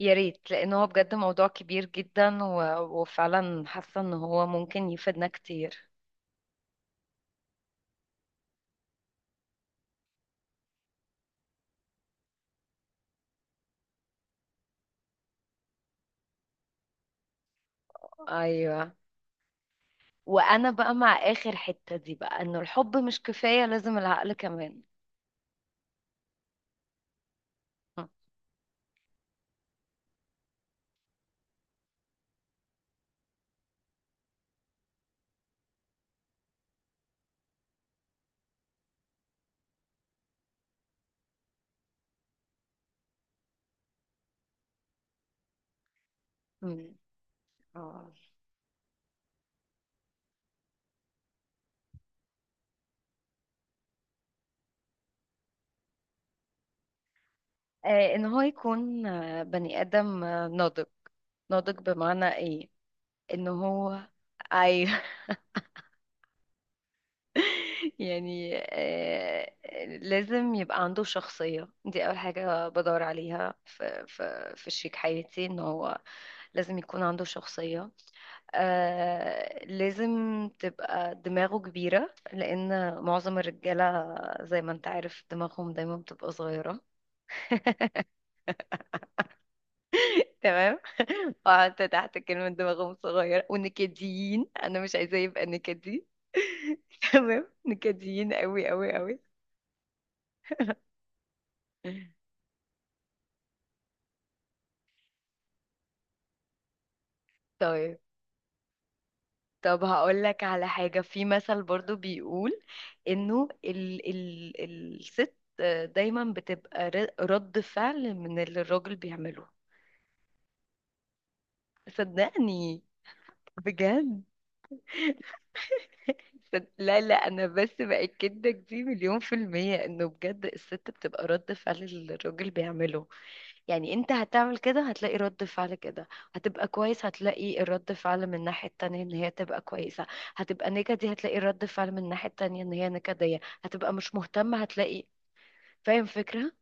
يا ريت لان هو بجد موضوع كبير جدا وفعلا حاسه ان هو ممكن يفيدنا كتير. ايوه، وانا بقى مع اخر حته دي بقى انه الحب مش كفايه، لازم العقل كمان. مم. اه ان هو يكون بني ادم ناضج. ناضج بمعنى ايه؟ ان هو ايوه. يعني لازم يبقى عنده شخصية. دي أول حاجة بدور عليها في, شريك حياتي، إن هو لازم يكون عنده شخصية. لازم تبقى دماغه كبيرة لأن معظم الرجالة زي ما أنت عارف دماغهم دايما بتبقى صغيرة. تمام. وقعدت تحت كلمة دماغهم صغيرة ونكديين، أنا مش عايزاه يبقى نكدي. تمام، نكديين أوي أوي أوي. طيب، طب هقول لك على حاجة، في مثل برضو بيقول انه ال ال الست دايما بتبقى رد فعل من اللي الراجل بيعمله. صدقني بجد. لا لا، انا بس بأكدك دي مليون في المية، انه بجد الست بتبقى رد فعل اللي الراجل بيعمله. يعني انت هتعمل كده هتلاقي رد فعل كده، هتبقى كويس هتلاقي الرد فعل من الناحية التانية ان هي تبقى كويسة، هتبقى نكدي هتلاقي رد فعل من الناحية التانية ان هي نكدية، هتبقى مش مهتمة هتلاقي. فاهم فكرة؟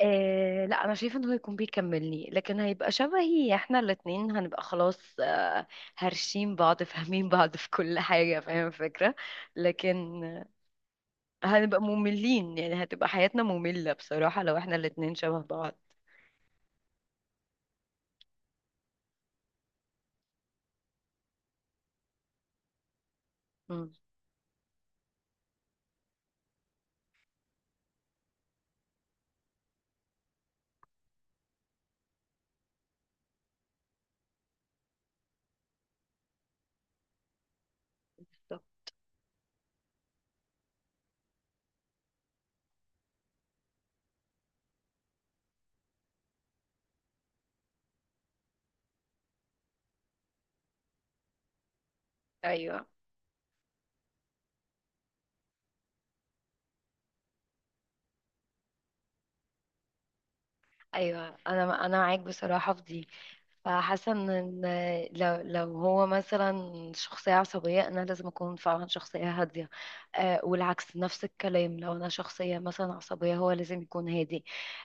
آه لا، انا شايفه ان هو يكون بيكملني، لكن هيبقى شبهي، احنا الاتنين هنبقى خلاص هرشين بعض، فاهمين بعض في كل حاجة. فاهم فكرة؟ لكن هنبقى مملين، يعني هتبقى حياتنا مملة بصراحة لو احنا الاتنين شبه بعض. مم. بالظبط. ايوه. ايوه، انا معاك بصراحه في دي. فحاسه إن لو هو مثلا شخصيه عصبيه، انا لازم اكون فعلا شخصيه هاديه. والعكس نفس الكلام، لو انا شخصيه مثلا عصبيه هو لازم يكون هادي.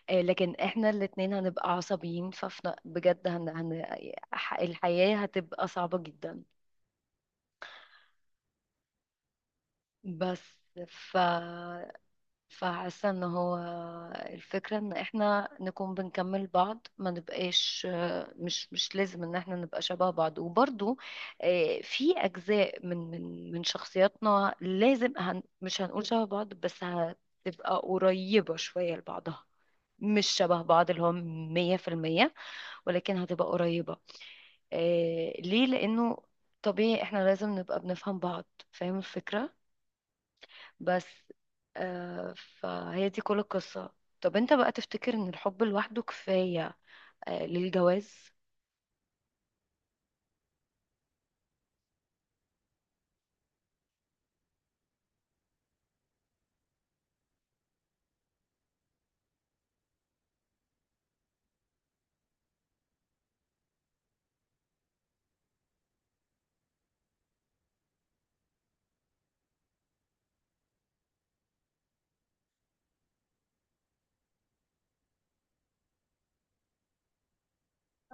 لكن احنا الاتنين هنبقى عصبيين ففنا بجد هن هن الحياه هتبقى صعبه جدا. بس فحاسة ان هو الفكرة ان احنا نكون بنكمل بعض ما نبقاش، مش لازم ان احنا نبقى شبه بعض. وبرضو في اجزاء من شخصياتنا لازم مش هنقول شبه بعض بس هتبقى قريبة شوية لبعضها. مش شبه بعض اللي هو 100%، ولكن هتبقى قريبة. ليه؟ لأنه طبيعي احنا لازم نبقى بنفهم بعض. فاهم الفكرة؟ بس آه فهي دي كل القصة. طب انت بقى تفتكر ان الحب لوحده كفاية للجواز؟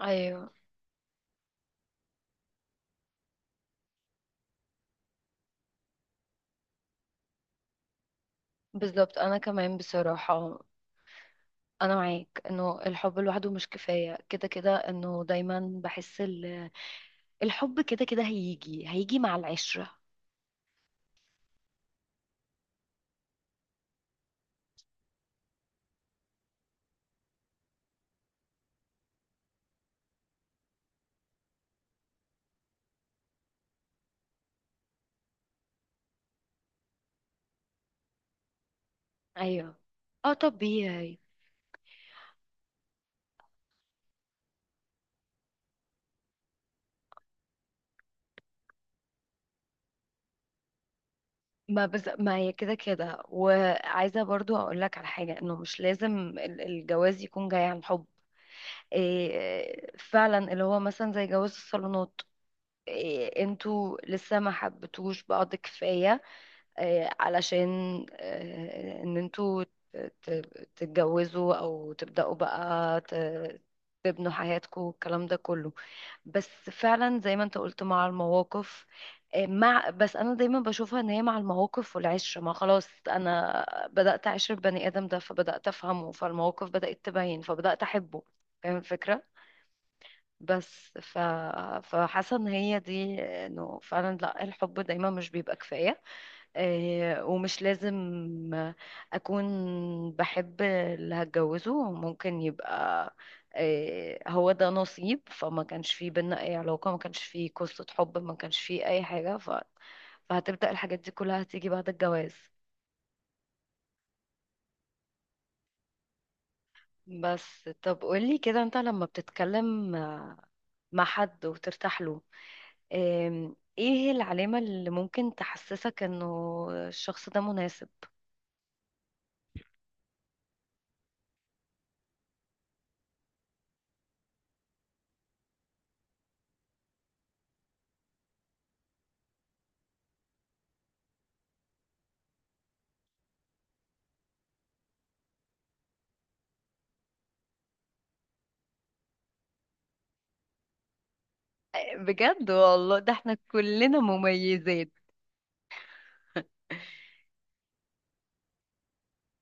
ايوه بالظبط، انا كمان بصراحة. انا معاك انه الحب لوحده مش كفاية، كده كده انه دايما بحس الحب كده كده هيجي هيجي مع العشرة. ايوه، اه طبيعي. ما هي كده كده، وعايزة برضو اقول لك على حاجة، انه مش لازم الجواز يكون جاي عن حب. إيه فعلا اللي هو مثلا زي جواز الصالونات، إيه انتوا لسه ما حبتوش بعض كفاية، إيه علشان إيه ان انتوا تتجوزوا او تبدأوا بقى تبنوا حياتكم والكلام ده كله. بس فعلا زي ما انت قلت مع المواقف، إيه مع. بس انا دايما بشوفها ان هي مع المواقف والعشره، ما خلاص انا بدات اعشر البني ادم ده فبدات افهمه، فالمواقف بدات تبين فبدات احبه. فاهم الفكره؟ بس فحاسه ان هي دي، انه فعلا لا الحب دايما مش بيبقى كفايه. ومش لازم اكون بحب اللي هتجوزه، ممكن يبقى هو ده نصيب، فما كانش فيه بينا اي علاقه ما كانش فيه قصه حب ما كانش فيه اي حاجه فهتبدا الحاجات دي كلها هتيجي بعد الجواز. بس طب قولي كده، انت لما بتتكلم مع حد وترتاح له، ايه هي العلامة اللي ممكن تحسسك انه الشخص ده مناسب؟ بجد والله ده احنا كلنا مميزات.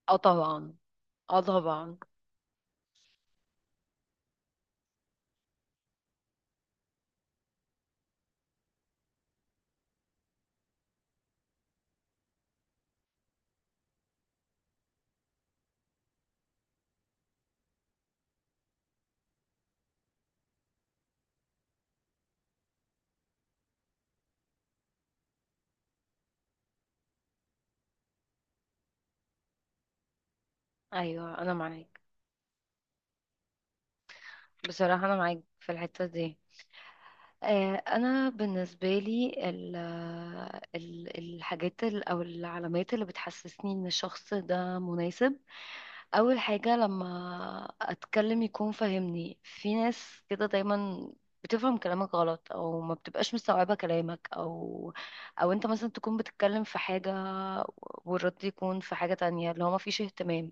اه طبعا، اه طبعا. ايوه انا معاك بصراحة، انا معاك في الحتة دي. انا بالنسبه لي الحاجات او العلامات اللي بتحسسني ان الشخص ده مناسب: اول حاجه لما اتكلم يكون فاهمني، في ناس كده دايما بتفهم كلامك غلط او ما بتبقاش مستوعبه كلامك، او او انت مثلا تكون بتتكلم في حاجه والرد يكون في حاجه تانية اللي هو ما فيش اهتمام.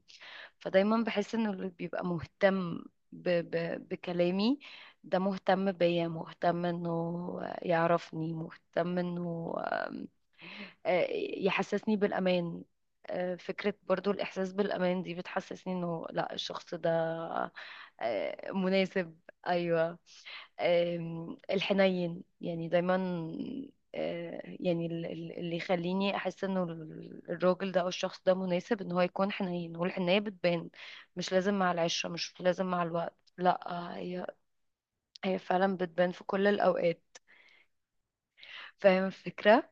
فدايما بحس انه اللي بيبقى مهتم ب ب بكلامي ده مهتم بيا، مهتم انه يعرفني، مهتم انه آه، يحسسني بالامان. فكرة برضو الإحساس بالأمان دي بتحسسني إنه لأ، الشخص ده مناسب. أيوة. الحنين يعني دايما، يعني اللي يخليني احس انه الراجل ده او الشخص ده مناسب ان هو يكون حنين، والحنية بتبان. مش لازم مع العشرة، مش لازم مع الوقت، لا، هي هي فعلا بتبان في كل الاوقات. فاهم الفكرة؟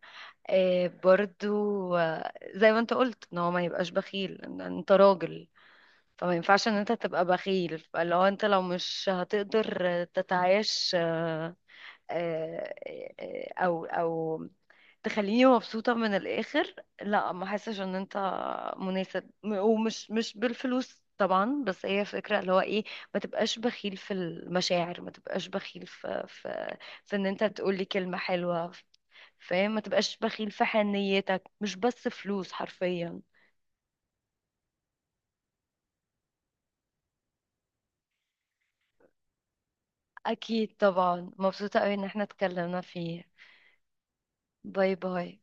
برضو زي ما انت قلت ان هو ما يبقاش بخيل. ان انت راجل فما ينفعش ان انت تبقى بخيل. فلو انت لو مش هتقدر تتعايش آه، او تخليني مبسوطة من الآخر، لا ما حسش ان انت مناسب. ومش مش بالفلوس طبعا، بس هي فكرة اللي هو ايه: ما تبقاش بخيل في المشاعر، ما تبقاش بخيل في ان انت تقولي كلمة حلوة. فاهم، ما تبقاش بخيل في حنيتك مش بس فلوس حرفيا. اكيد طبعا، مبسوطة قوي ان احنا اتكلمنا فيه. باي باي.